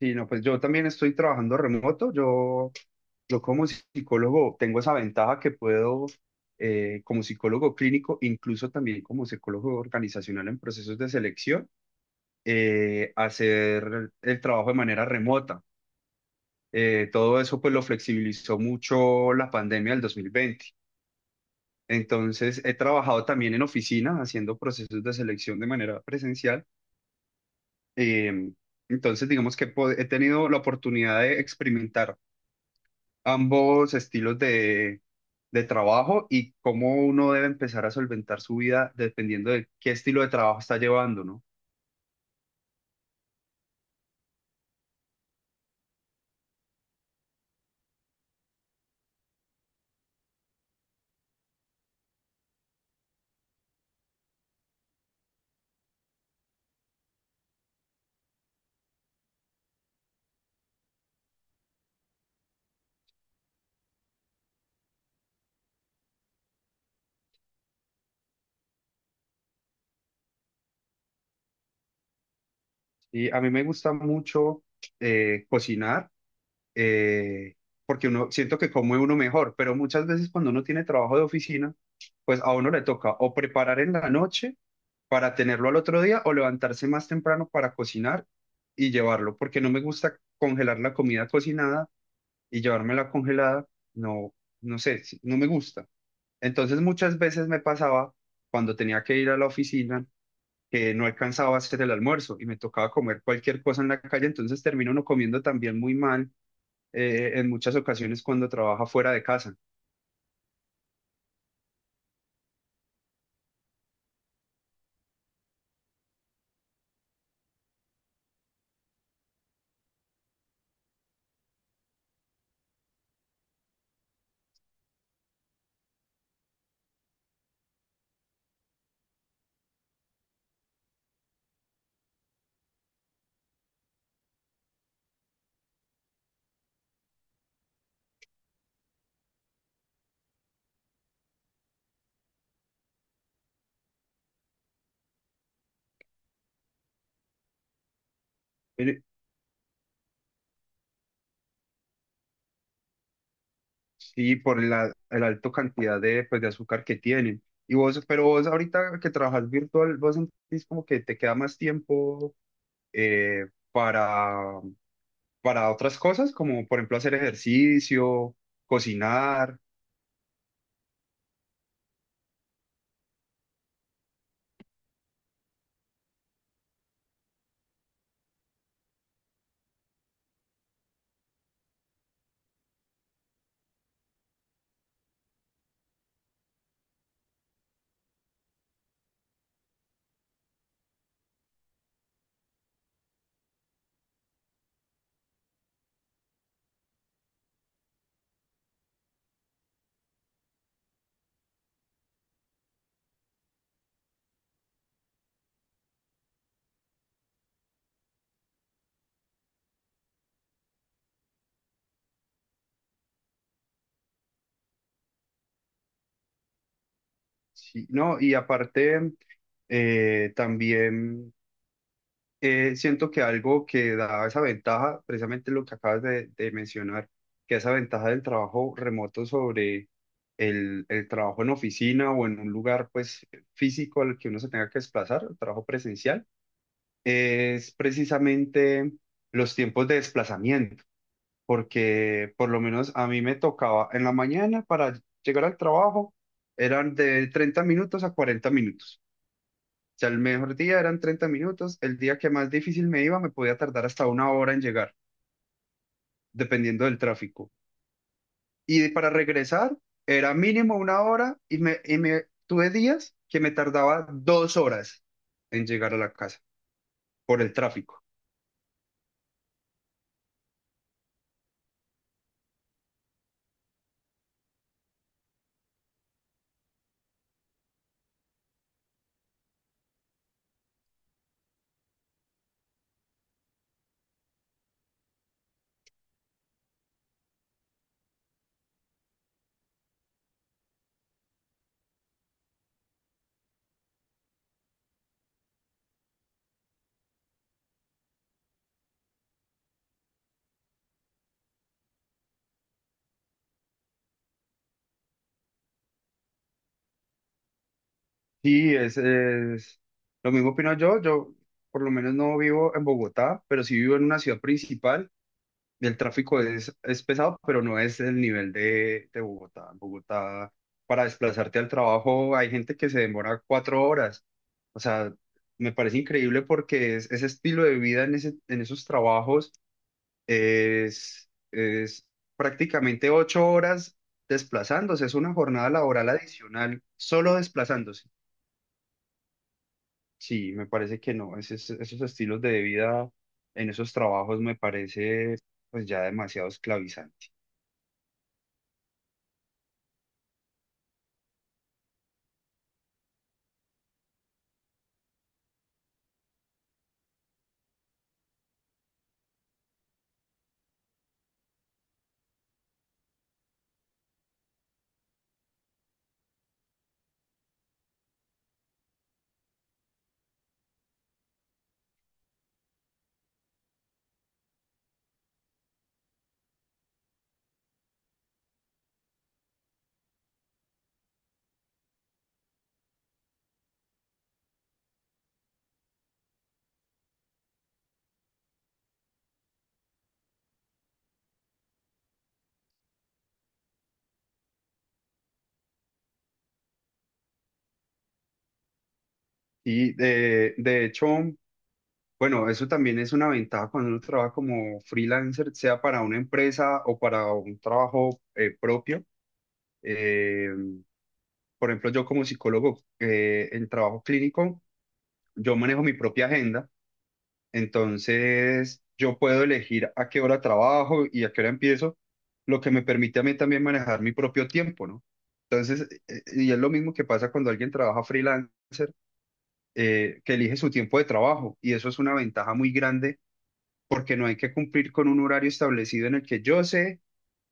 Sí, no, pues yo también estoy trabajando remoto. Yo como psicólogo tengo esa ventaja que puedo, como psicólogo clínico, incluso también como psicólogo organizacional en procesos de selección, hacer el trabajo de manera remota. Todo eso pues lo flexibilizó mucho la pandemia del 2020. Entonces he trabajado también en oficina haciendo procesos de selección de manera presencial. Em, entonces digamos que he tenido la oportunidad de experimentar ambos estilos de trabajo y cómo uno debe empezar a solventar su vida dependiendo de qué estilo de trabajo está llevando, ¿no? Y a mí me gusta mucho cocinar eh, porque uno siento que come uno mejor, pero muchas veces cuando uno tiene trabajo de oficina, pues a uno le toca o preparar en la noche para tenerlo al otro día o levantarse más temprano para cocinar y llevarlo, porque no me gusta congelar la comida cocinada y llevármela congelada, no, no sé, no me gusta. Entonces muchas veces me pasaba cuando tenía que ir a la oficina que no alcanzaba a hacer el almuerzo y me tocaba comer cualquier cosa en la calle, entonces termino uno comiendo también muy mal en muchas ocasiones cuando trabaja fuera de casa. Mire, sí, por la alta cantidad de, pues, de azúcar que tienen. Y vos, pero vos ahorita que trabajas virtual, vos sentís como que te queda más tiempo eh, para para otras cosas, como por ejemplo hacer ejercicio, cocinar, sí, ¿no? Y aparte, también siento que algo que da esa ventaja, precisamente lo que acabas de mencionar, que esa ventaja del trabajo remoto sobre el trabajo en oficina o en un lugar pues físico al que uno se tenga que desplazar, el trabajo presencial, es precisamente los tiempos de desplazamiento porque por lo menos a mí me tocaba en la mañana para llegar al trabajo, eran de 30 minutos a 40 minutos. O sea, el mejor día eran 30 minutos, el día que más difícil me iba me podía tardar hasta una hora en llegar, dependiendo del tráfico. Y para regresar era mínimo una hora y me tuve días que me tardaba 2 horas en llegar a la casa por el tráfico. Sí, lo mismo opino yo. Yo por lo menos no vivo en Bogotá, pero sí vivo en una ciudad principal. El tráfico es pesado, pero no es el nivel de Bogotá. En Bogotá, para desplazarte al trabajo, hay gente que se demora 4 horas. O sea, me parece increíble porque ese estilo de vida en esos trabajos es prácticamente 8 horas desplazándose. Es una jornada laboral adicional solo desplazándose. Sí, me parece que no. Esos estilos de vida en esos trabajos me parece pues ya demasiado esclavizante. Y de hecho, bueno, eso también es una ventaja cuando uno trabaja como freelancer, sea para una empresa o para un trabajo propio. Eh, por ejemplo, yo como psicólogo en trabajo clínico, yo manejo mi propia agenda. Entonces, yo puedo elegir a qué hora trabajo y a qué hora empiezo, lo que me permite a mí también manejar mi propio tiempo, ¿no? Entonces, y es lo mismo que pasa cuando alguien trabaja freelancer, que elige su tiempo de trabajo, y eso es una ventaja muy grande porque no hay que cumplir con un horario establecido en el que yo sé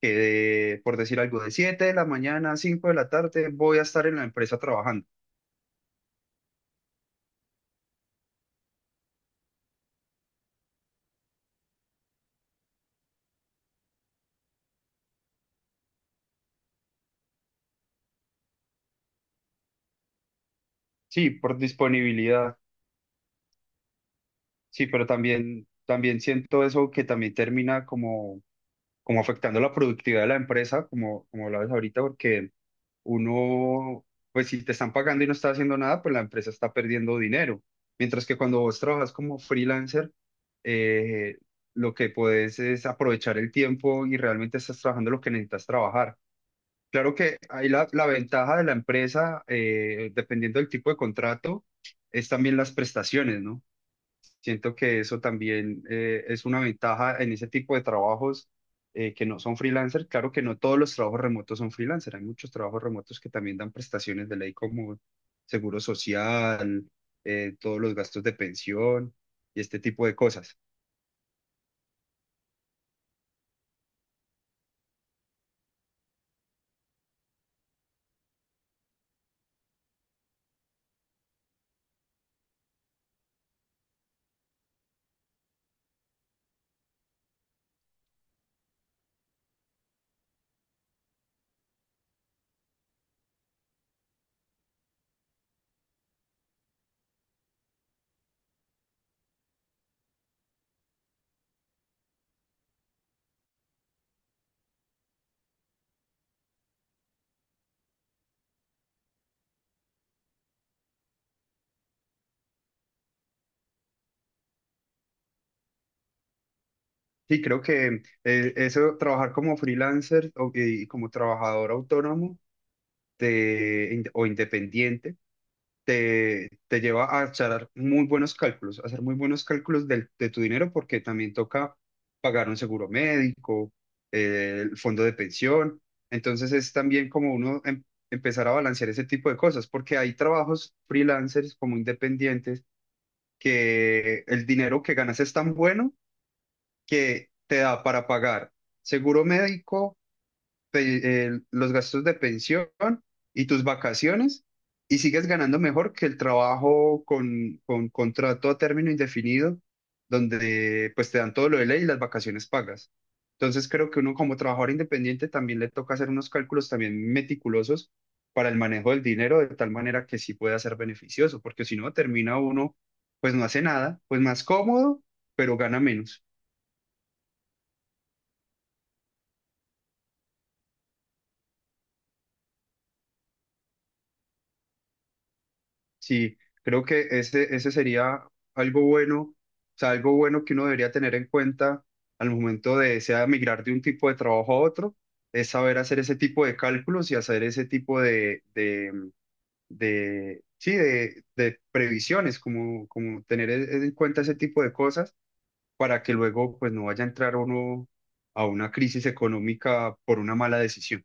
que, por decir algo, de 7 de la mañana a 5 de la tarde voy a estar en la empresa trabajando. Sí, por disponibilidad, sí, pero también, también siento eso que también termina como como afectando la productividad de la empresa, como, como lo ves ahorita, porque uno, pues si te están pagando y no estás haciendo nada, pues la empresa está perdiendo dinero. Mientras que cuando vos trabajas como freelancer, eh, lo que puedes es aprovechar el tiempo y realmente estás trabajando lo que necesitas trabajar. Claro que ahí la ventaja de la empresa, dependiendo del tipo de contrato, es también las prestaciones, ¿no? Siento que eso también es una ventaja en ese tipo de trabajos que no son freelancer. Claro que no todos los trabajos remotos son freelancer. Hay muchos trabajos remotos que también dan prestaciones de ley como seguro social, todos los gastos de pensión y este tipo de cosas. Sí, creo que eso, trabajar como freelancer y como trabajador autónomo o independiente te lleva a echar muy buenos cálculos, a hacer muy buenos cálculos de tu dinero porque también toca pagar un seguro médico, el fondo de pensión. Entonces es también como uno empezar a balancear ese tipo de cosas porque hay trabajos freelancers como independientes que el dinero que ganas es tan bueno que te da para pagar seguro médico los gastos de pensión y tus vacaciones y sigues ganando mejor que el trabajo con contrato a término indefinido, donde pues te dan todo lo de ley y las vacaciones pagas. Entonces creo que uno como trabajador independiente también le toca hacer unos cálculos también meticulosos para el manejo del dinero de tal manera que sí pueda ser beneficioso, porque si no termina uno, pues no hace nada, pues más cómodo, pero gana menos. Sí, creo que ese sería algo bueno, o sea, algo bueno que uno debería tener en cuenta al momento de, sea migrar de un tipo de trabajo a otro, es saber hacer ese tipo de cálculos y hacer ese tipo de, mm, de sí, de previsiones, como, como tener en cuenta ese tipo de cosas para que luego pues no vaya a entrar uno a una crisis económica por una mala decisión.